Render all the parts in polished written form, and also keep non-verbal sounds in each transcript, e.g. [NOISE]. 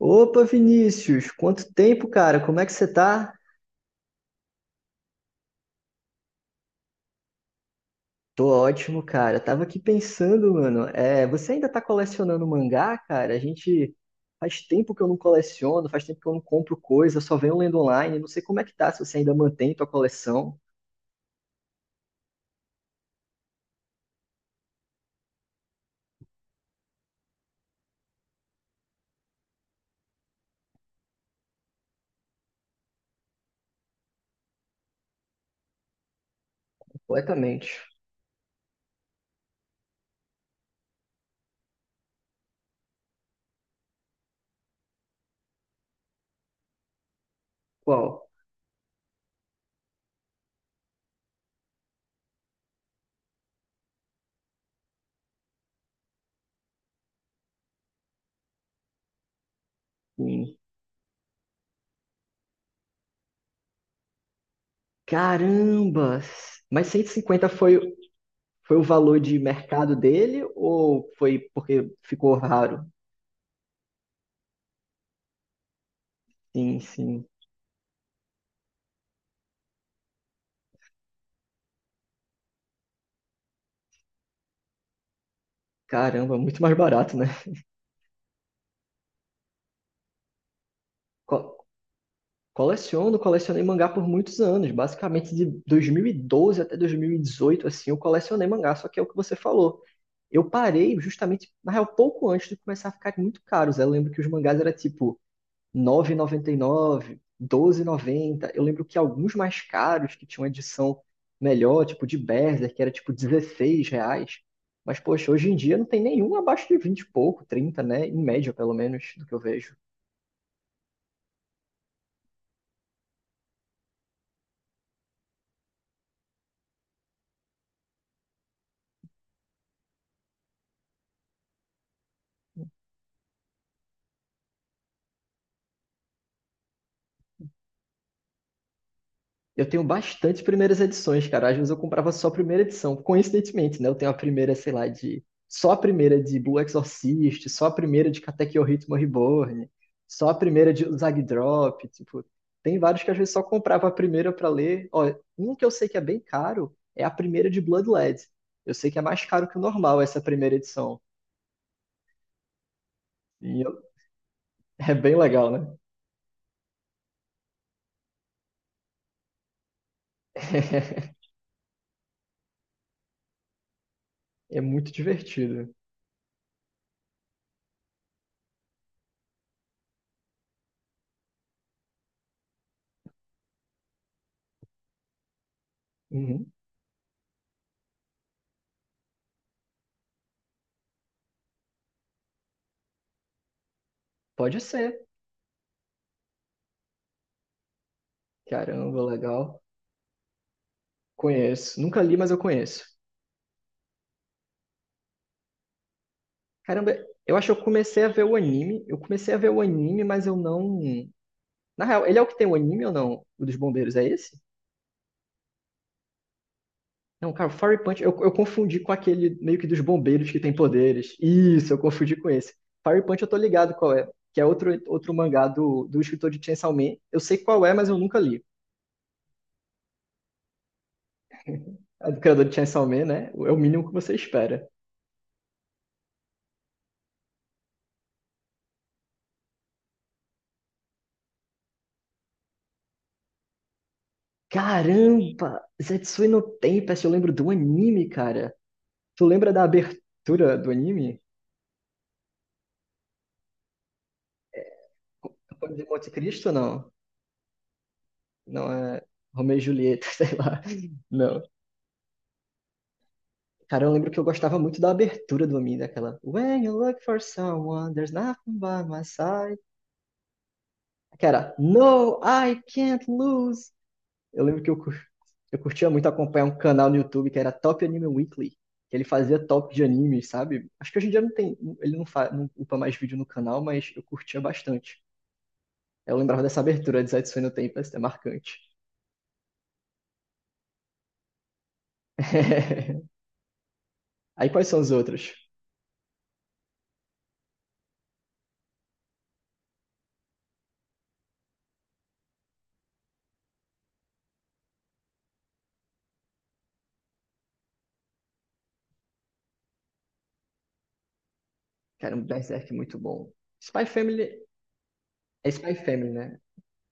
Opa, Vinícius, quanto tempo, cara? Como é que você tá? Tô ótimo, cara. Tava aqui pensando, mano. É, você ainda tá colecionando mangá, cara? A gente faz tempo que eu não coleciono, faz tempo que eu não compro coisa, só venho lendo online. Não sei como é que tá, se você ainda mantém tua coleção completamente. Qual? Hum. Caramba! Mas 150 foi, foi o valor de mercado dele ou foi porque ficou raro? Sim, sim. Caramba, muito mais barato, né? Qual- Coleciono, colecionei mangá por muitos anos, basicamente de 2012 até 2018, assim, eu colecionei mangá, só que é o que você falou. Eu parei justamente, na real, pouco antes de começar a ficar muito caros. Eu lembro que os mangás eram tipo 9,99, 12,90. Eu lembro que alguns mais caros, que tinham uma edição melhor, tipo de Berserk, que era tipo R$ 16. Mas, poxa, hoje em dia não tem nenhum abaixo de 20 e pouco, 30, né? Em média, pelo menos, do que eu vejo. Eu tenho bastante primeiras edições, cara. Às vezes eu comprava só a primeira edição, coincidentemente, né? Eu tenho a primeira, sei lá, de. Só a primeira de Blue Exorcist, só a primeira de Katekyo Ritmo Reborn, só a primeira de Zag Drop. Tipo, tem vários que às vezes só comprava a primeira pra ler. Ó, um que eu sei que é bem caro é a primeira de Blood Led. Eu sei que é mais caro que o normal essa primeira edição. E eu- [LAUGHS] É bem legal, né? [LAUGHS] É muito divertido. Uhum. Pode ser. Caramba, legal. Conheço. Nunca li, mas eu conheço. Caramba, eu acho que eu comecei a ver o anime. Eu comecei a ver o anime, mas eu não. Na real, ele é o que tem o anime ou não? O dos bombeiros, é esse? Não, cara, o Fire Punch, eu confundi com aquele meio que dos bombeiros que tem poderes. Isso, eu confundi com esse. Fire Punch eu tô ligado qual é, que é outro, outro mangá do escritor de Chainsaw Man. Eu sei qual é, mas eu nunca li. É do criador de Chainsaw Man, né? É o mínimo que você espera. Caramba! Zetsui no Tempest, eu lembro do anime, cara. Tu lembra da abertura do anime? Conde de Monte Cristo, não? Não é Romeu e Julieta, [LAUGHS] sei lá. Não. Cara, eu lembro que eu gostava muito da abertura do anime, daquela "When you look for someone, there's nothing by my side." Que era "No, I can't lose." Eu lembro que eu curtia muito acompanhar um canal no YouTube que era Top Anime Weekly. Que Ele fazia top de animes, sabe? Acho que hoje em dia não tem, ele não, fa, não upa mais vídeo no canal, mas eu curtia bastante. Eu lembrava dessa abertura de Zetsu no Tempo, é marcante. [LAUGHS] Aí quais são os outros? Cara, um Berserk muito bom. Spy Family é Spy Family, né?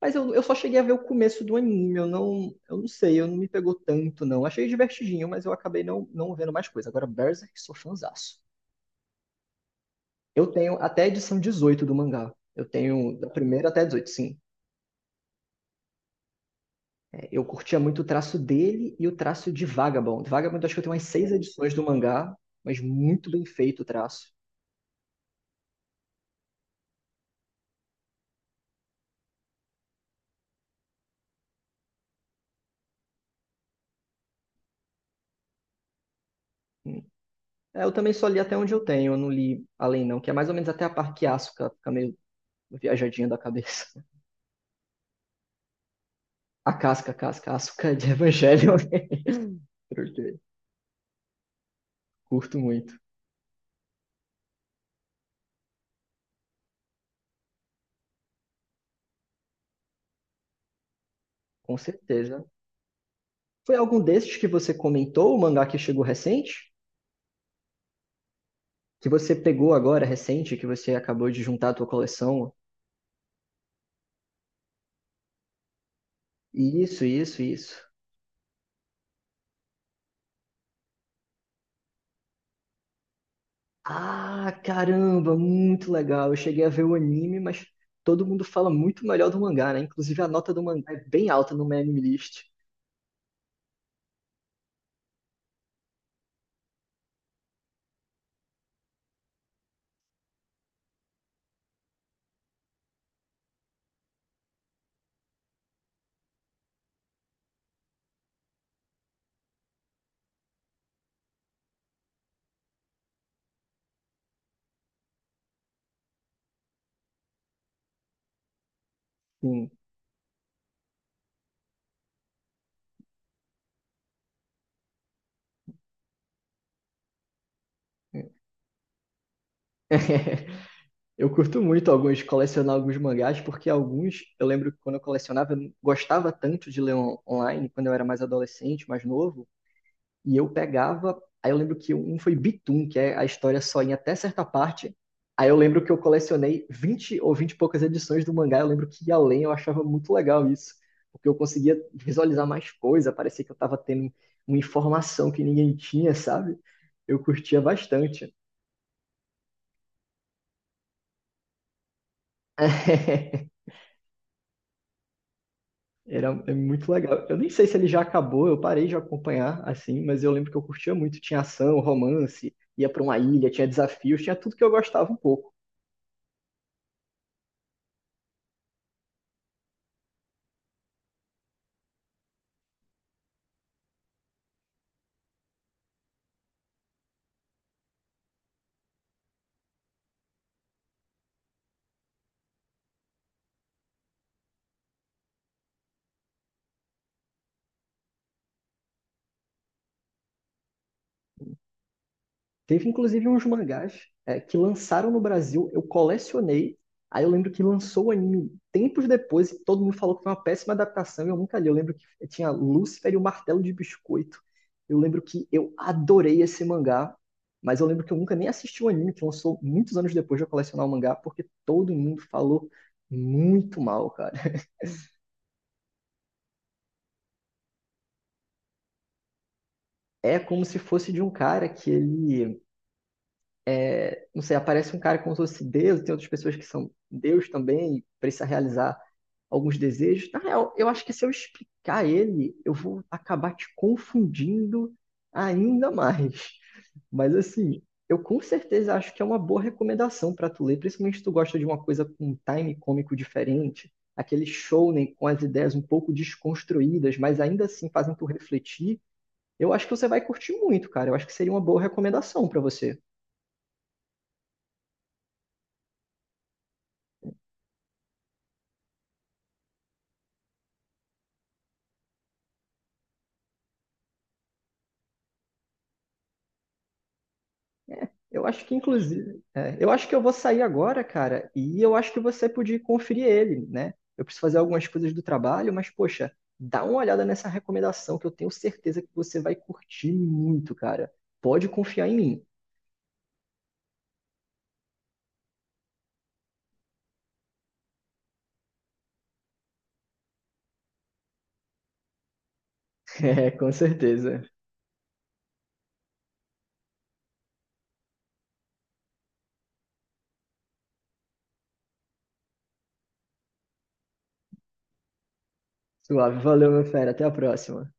Mas eu só cheguei a ver o começo do anime, eu não me pegou tanto, não. Achei divertidinho, mas eu acabei não vendo mais coisa. Agora, Berserk, sou fãzaço. Eu tenho até a edição 18 do mangá. Eu tenho da primeira até a 18, sim. É, eu curtia muito o traço dele e o traço de Vagabond. Vagabond, eu acho que eu tenho umas 6 edições do mangá, mas muito bem feito o traço. É, eu também só li até onde eu tenho, eu não li além não, que é mais ou menos até a parte que Asuka fica meio viajadinha da cabeça. [LAUGHS] A casca, Asuka de Evangelho. [LAUGHS] Curto muito, com certeza. Foi algum desses que você comentou, o mangá que chegou recente? Que você pegou agora, recente, que você acabou de juntar à tua coleção? Isso. Ah, caramba, muito legal. Eu cheguei a ver o anime, mas todo mundo fala muito melhor do mangá, né? Inclusive a nota do mangá é bem alta no My Anime List. Sim. É. [LAUGHS] Eu curto muito alguns colecionar alguns mangás, porque alguns eu lembro que quando eu colecionava, eu não gostava tanto de ler online, quando eu era mais adolescente, mais novo, e eu pegava. Aí eu lembro que um foi Bitum, que é a história só em até certa parte. Aí eu lembro que eu colecionei 20 ou 20 e poucas edições do mangá. Eu lembro que ia além, eu achava muito legal isso, porque eu conseguia visualizar mais coisa, parecia que eu estava tendo uma informação que ninguém tinha, sabe? Eu curtia bastante. [LAUGHS] Era é muito legal. Eu nem sei se ele já acabou, eu parei de acompanhar assim, mas eu lembro que eu curtia muito. Tinha ação, romance, ia pra uma ilha, tinha desafios, tinha tudo que eu gostava um pouco. Teve inclusive uns mangás é, que lançaram no Brasil, eu colecionei. Aí eu lembro que lançou o anime tempos depois e todo mundo falou que foi uma péssima adaptação e eu nunca li. Eu lembro que tinha Lúcifer e o Martelo de Biscoito. Eu lembro que eu adorei esse mangá, mas eu lembro que eu nunca nem assisti o anime que lançou muitos anos depois de eu colecionar o mangá, porque todo mundo falou muito mal, cara. É como se fosse de um cara que ele não sei, aparece um cara como se fosse Deus, tem outras pessoas que são Deus também, e precisa realizar alguns desejos. Na real, eu acho que se eu explicar ele, eu vou acabar te confundindo ainda mais. Mas assim, eu com certeza acho que é uma boa recomendação para tu ler, principalmente se tu gosta de uma coisa com um time cômico diferente, aquele shounen com as ideias um pouco desconstruídas, mas ainda assim fazem tu refletir. Eu acho que você vai curtir muito, cara. Eu acho que seria uma boa recomendação para você. Eu acho que, inclusive, é, eu acho que eu vou sair agora, cara, e eu acho que você podia conferir ele, né? Eu preciso fazer algumas coisas do trabalho, mas, poxa, dá uma olhada nessa recomendação que eu tenho certeza que você vai curtir muito, cara. Pode confiar em mim. [LAUGHS] É, com certeza. Suave, valeu, meu fera. Até a próxima.